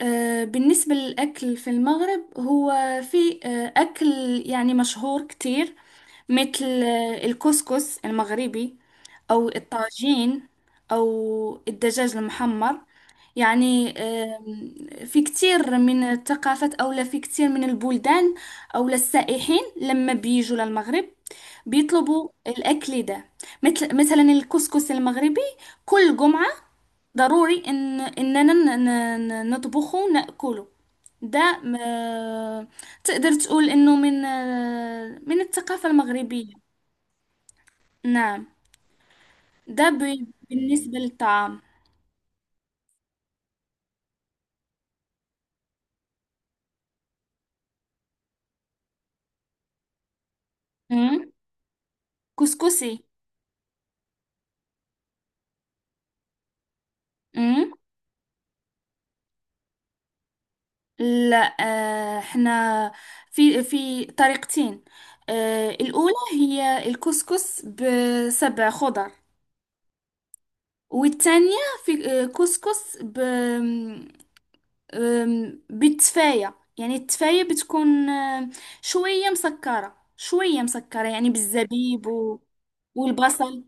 بالنسبة للأكل في المغرب هو في أكل يعني مشهور كتير، مثل الكسكس المغربي أو الطاجين أو الدجاج المحمر. يعني في كتير من الثقافات أو لا في كتير من البلدان، أو لا السائحين لما بيجوا للمغرب بيطلبوا الأكل ده، مثل مثلا الكسكس المغربي. كل جمعة ضروري اننا نطبخه ناكله. ده م- تقدر تقول انه من الثقافة المغربية. نعم. ده بالنسبة للطعام. أمم. كسكسي. أمم. لا، احنا في طريقتين. الأولى هي الكسكس بسبع خضر. والثانية في كسكس بالتفاية. يعني التفاية بتكون شوية مسكرة شوية مسكرة، يعني بالزبيب والبصل.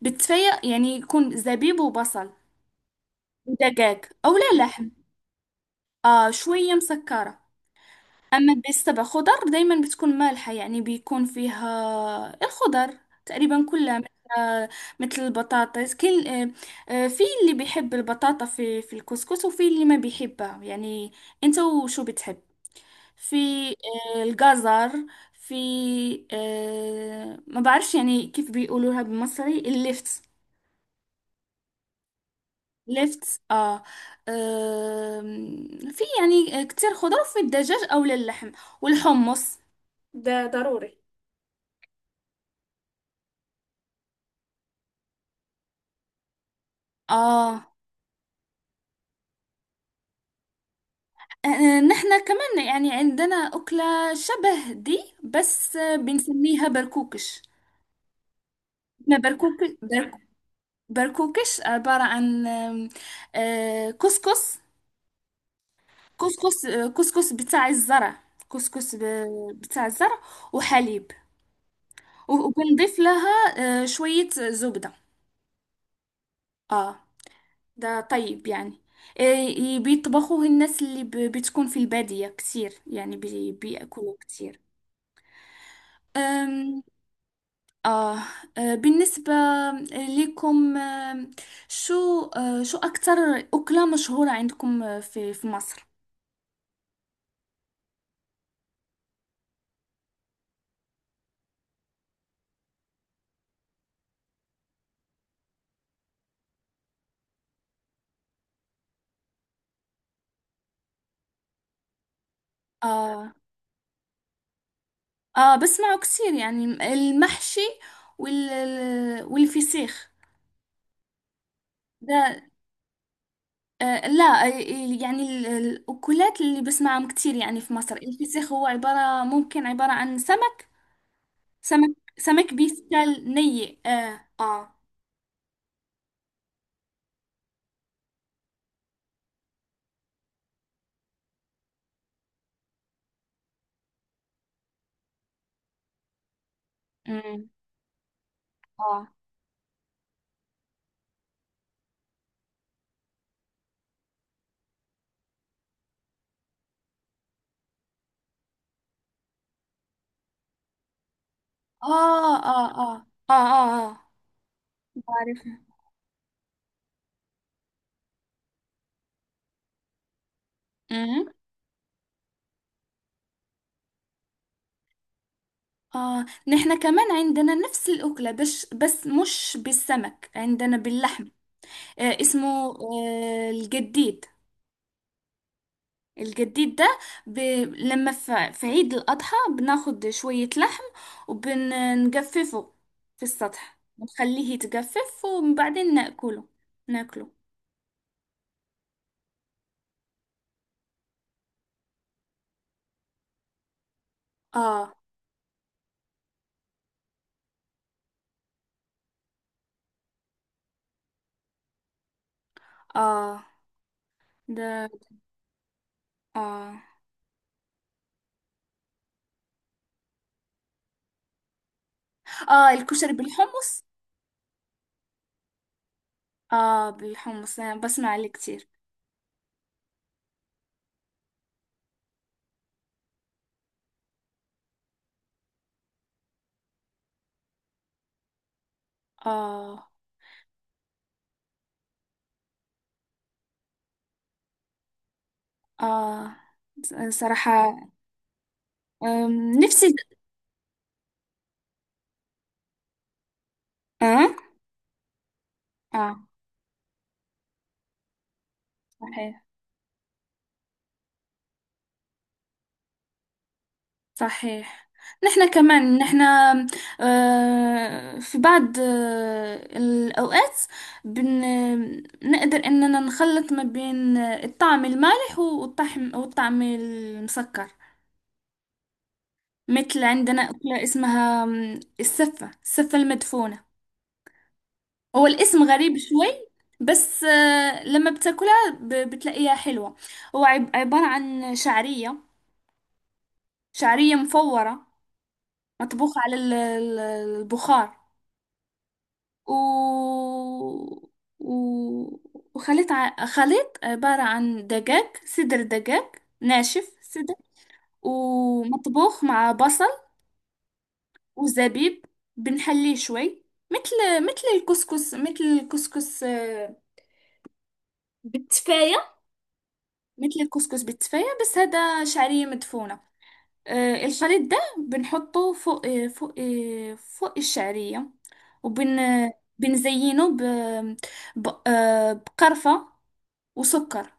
بالتفاية يعني يكون زبيب وبصل ودجاج أو لا لحم. شوية مسكرة. أما بالسبع خضر دايما بتكون مالحة، يعني بيكون فيها الخضر تقريبا كلها، مثل آه، مثل البطاطس. كل في اللي بيحب البطاطا في الكسكس، وفي اللي ما بيحبها يعني. انت وشو بتحب. في الجزر. في ما بعرفش يعني كيف بيقولوها بالمصري، الليفت. ليفت، اه. في يعني كتير خضار في الدجاج او للحم، والحمص ده ضروري. اه. نحنا كمان يعني عندنا أكلة شبه دي، بس بنسميها بركوكش. ما بركوك برك- بركوكش عبارة عن آم، آه، كسكس. كسكس كسكس بتاع الزرع. بتاع الزرع وحليب. وبنضيف لها شوية زبدة. اه. ده طيب يعني. بيطبخوه الناس اللي بتكون في البادية كتير، يعني بيأكلوه كتير. أم آه آه، بالنسبة لكم شو شو أكتر أكلة مشهورة عندكم في مصر؟ آه، اه، بسمعه كتير يعني، المحشي والفسيخ. ده لا، يعني الأكلات اللي بسمعهم كتير يعني في مصر، الفسيخ هو ممكن عبارة عن سمك. سمك سمك بيستال ني. اه، اه. أمم. اه، اه، اه، اه، اه، اه، اه. بعرفها. أمم. اه، نحنا كمان عندنا نفس الأكلة، بس مش بالسمك، عندنا باللحم. اسمه الجديد. الجديد ده ب... لما في عيد الأضحى بناخد شوية لحم، وبنجففه في السطح، بنخليه يتجفف وبعدين ناكله. ناكله. اه، اه. ده. اه، اه. الكشري بالحمص. اه، بالحمص انا بسمع عليه كتير. اه، اه. صراحة نفسي. اه، اه. صحيح. صحيح. نحن كمان، في بعض الأوقات بن نقدر إننا نخلط ما بين الطعم المالح والطعم المسكر. مثل عندنا أكلة اسمها السفة، السفة المدفونة. هو الاسم غريب شوي، بس لما بتاكلها بتلاقيها حلوة. هو عبارة عن شعرية، شعرية مفورة، مطبوخة على البخار. و... و... وخليط ع... خليط عبارة عن دجاج، صدر دجاج ناشف. صدر ومطبوخ مع بصل وزبيب. بنحليه شوي مثل، الكسكس. بالتفاية. مثل الكسكس بالتفاية، بس هذا شعرية مدفونة. الخليط ده بنحطه فوق الشعرية. وبن بنزينه ب... ب... آه، بقرفة وسكر.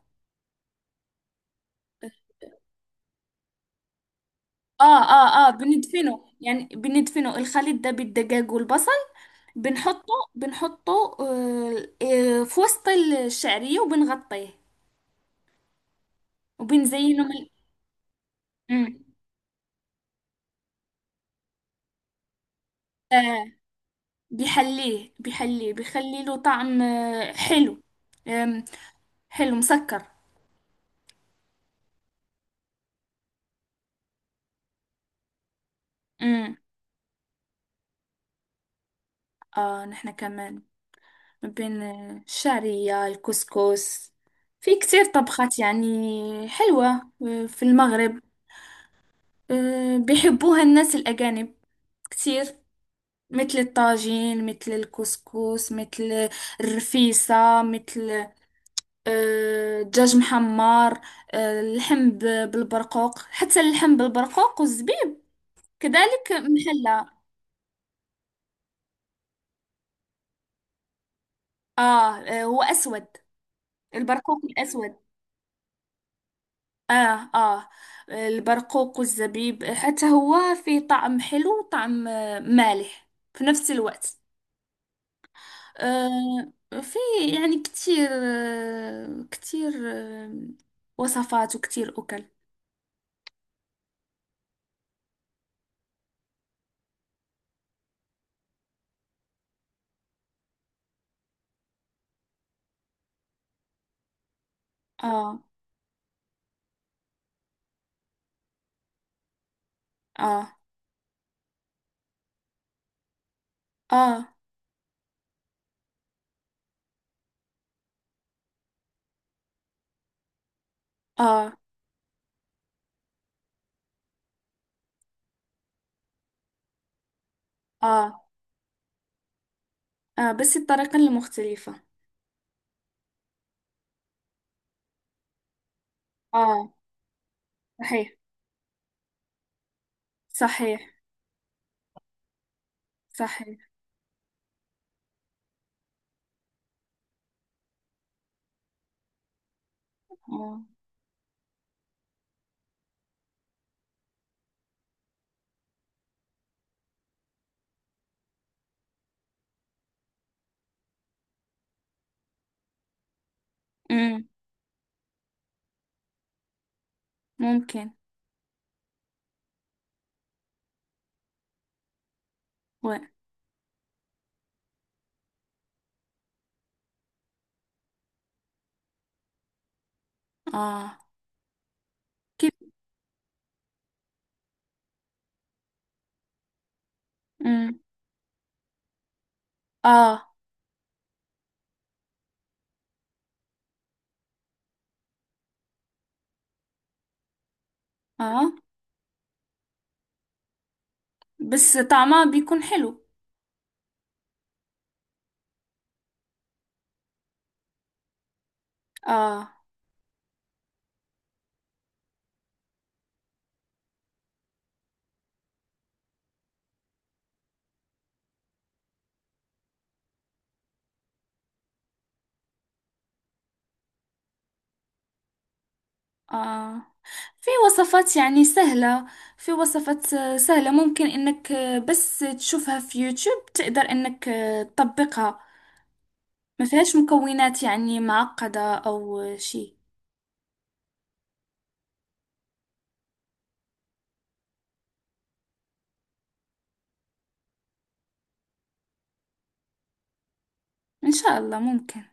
اه، اه، اه. بندفنه يعني بندفنه الخليط ده بالدجاج والبصل، بنحطه بنحطه في وسط الشعرية، وبنغطيه وبنزينه من مم. آه بيحليه، بيحليه، بيخلي له طعم حلو. آم، حلو مسكر. امم اه، نحنا كمان ما بين الشعرية الكسكس في كتير طبخات يعني حلوة في المغرب. بيحبوها الناس الأجانب كتير، مثل الطاجين مثل الكسكس مثل الرفيسة مثل دجاج محمر. اللحم بالبرقوق. حتى اللحم بالبرقوق والزبيب كذلك محلى. آه هو أسود، البرقوق الأسود. آه آه البرقوق والزبيب حتى هو فيه طعم حلو وطعم مالح في نفس الوقت. آه، في يعني كتير وصفات وكتير أكل. آه، آه، آه، آه، آه، آه، بس الطريقة المختلفة. آه، صحيح، صحيح، صحيح. آه. أمم. ممكن. و آه كيف. أمم. آه، آه، بس طعمها بيكون حلو. آه آه. في وصفات يعني سهلة. في وصفات سهلة، ممكن انك بس تشوفها في يوتيوب تقدر انك تطبقها. ما فيهاش مكونات يعني معقدة او شي. ان شاء الله ممكن.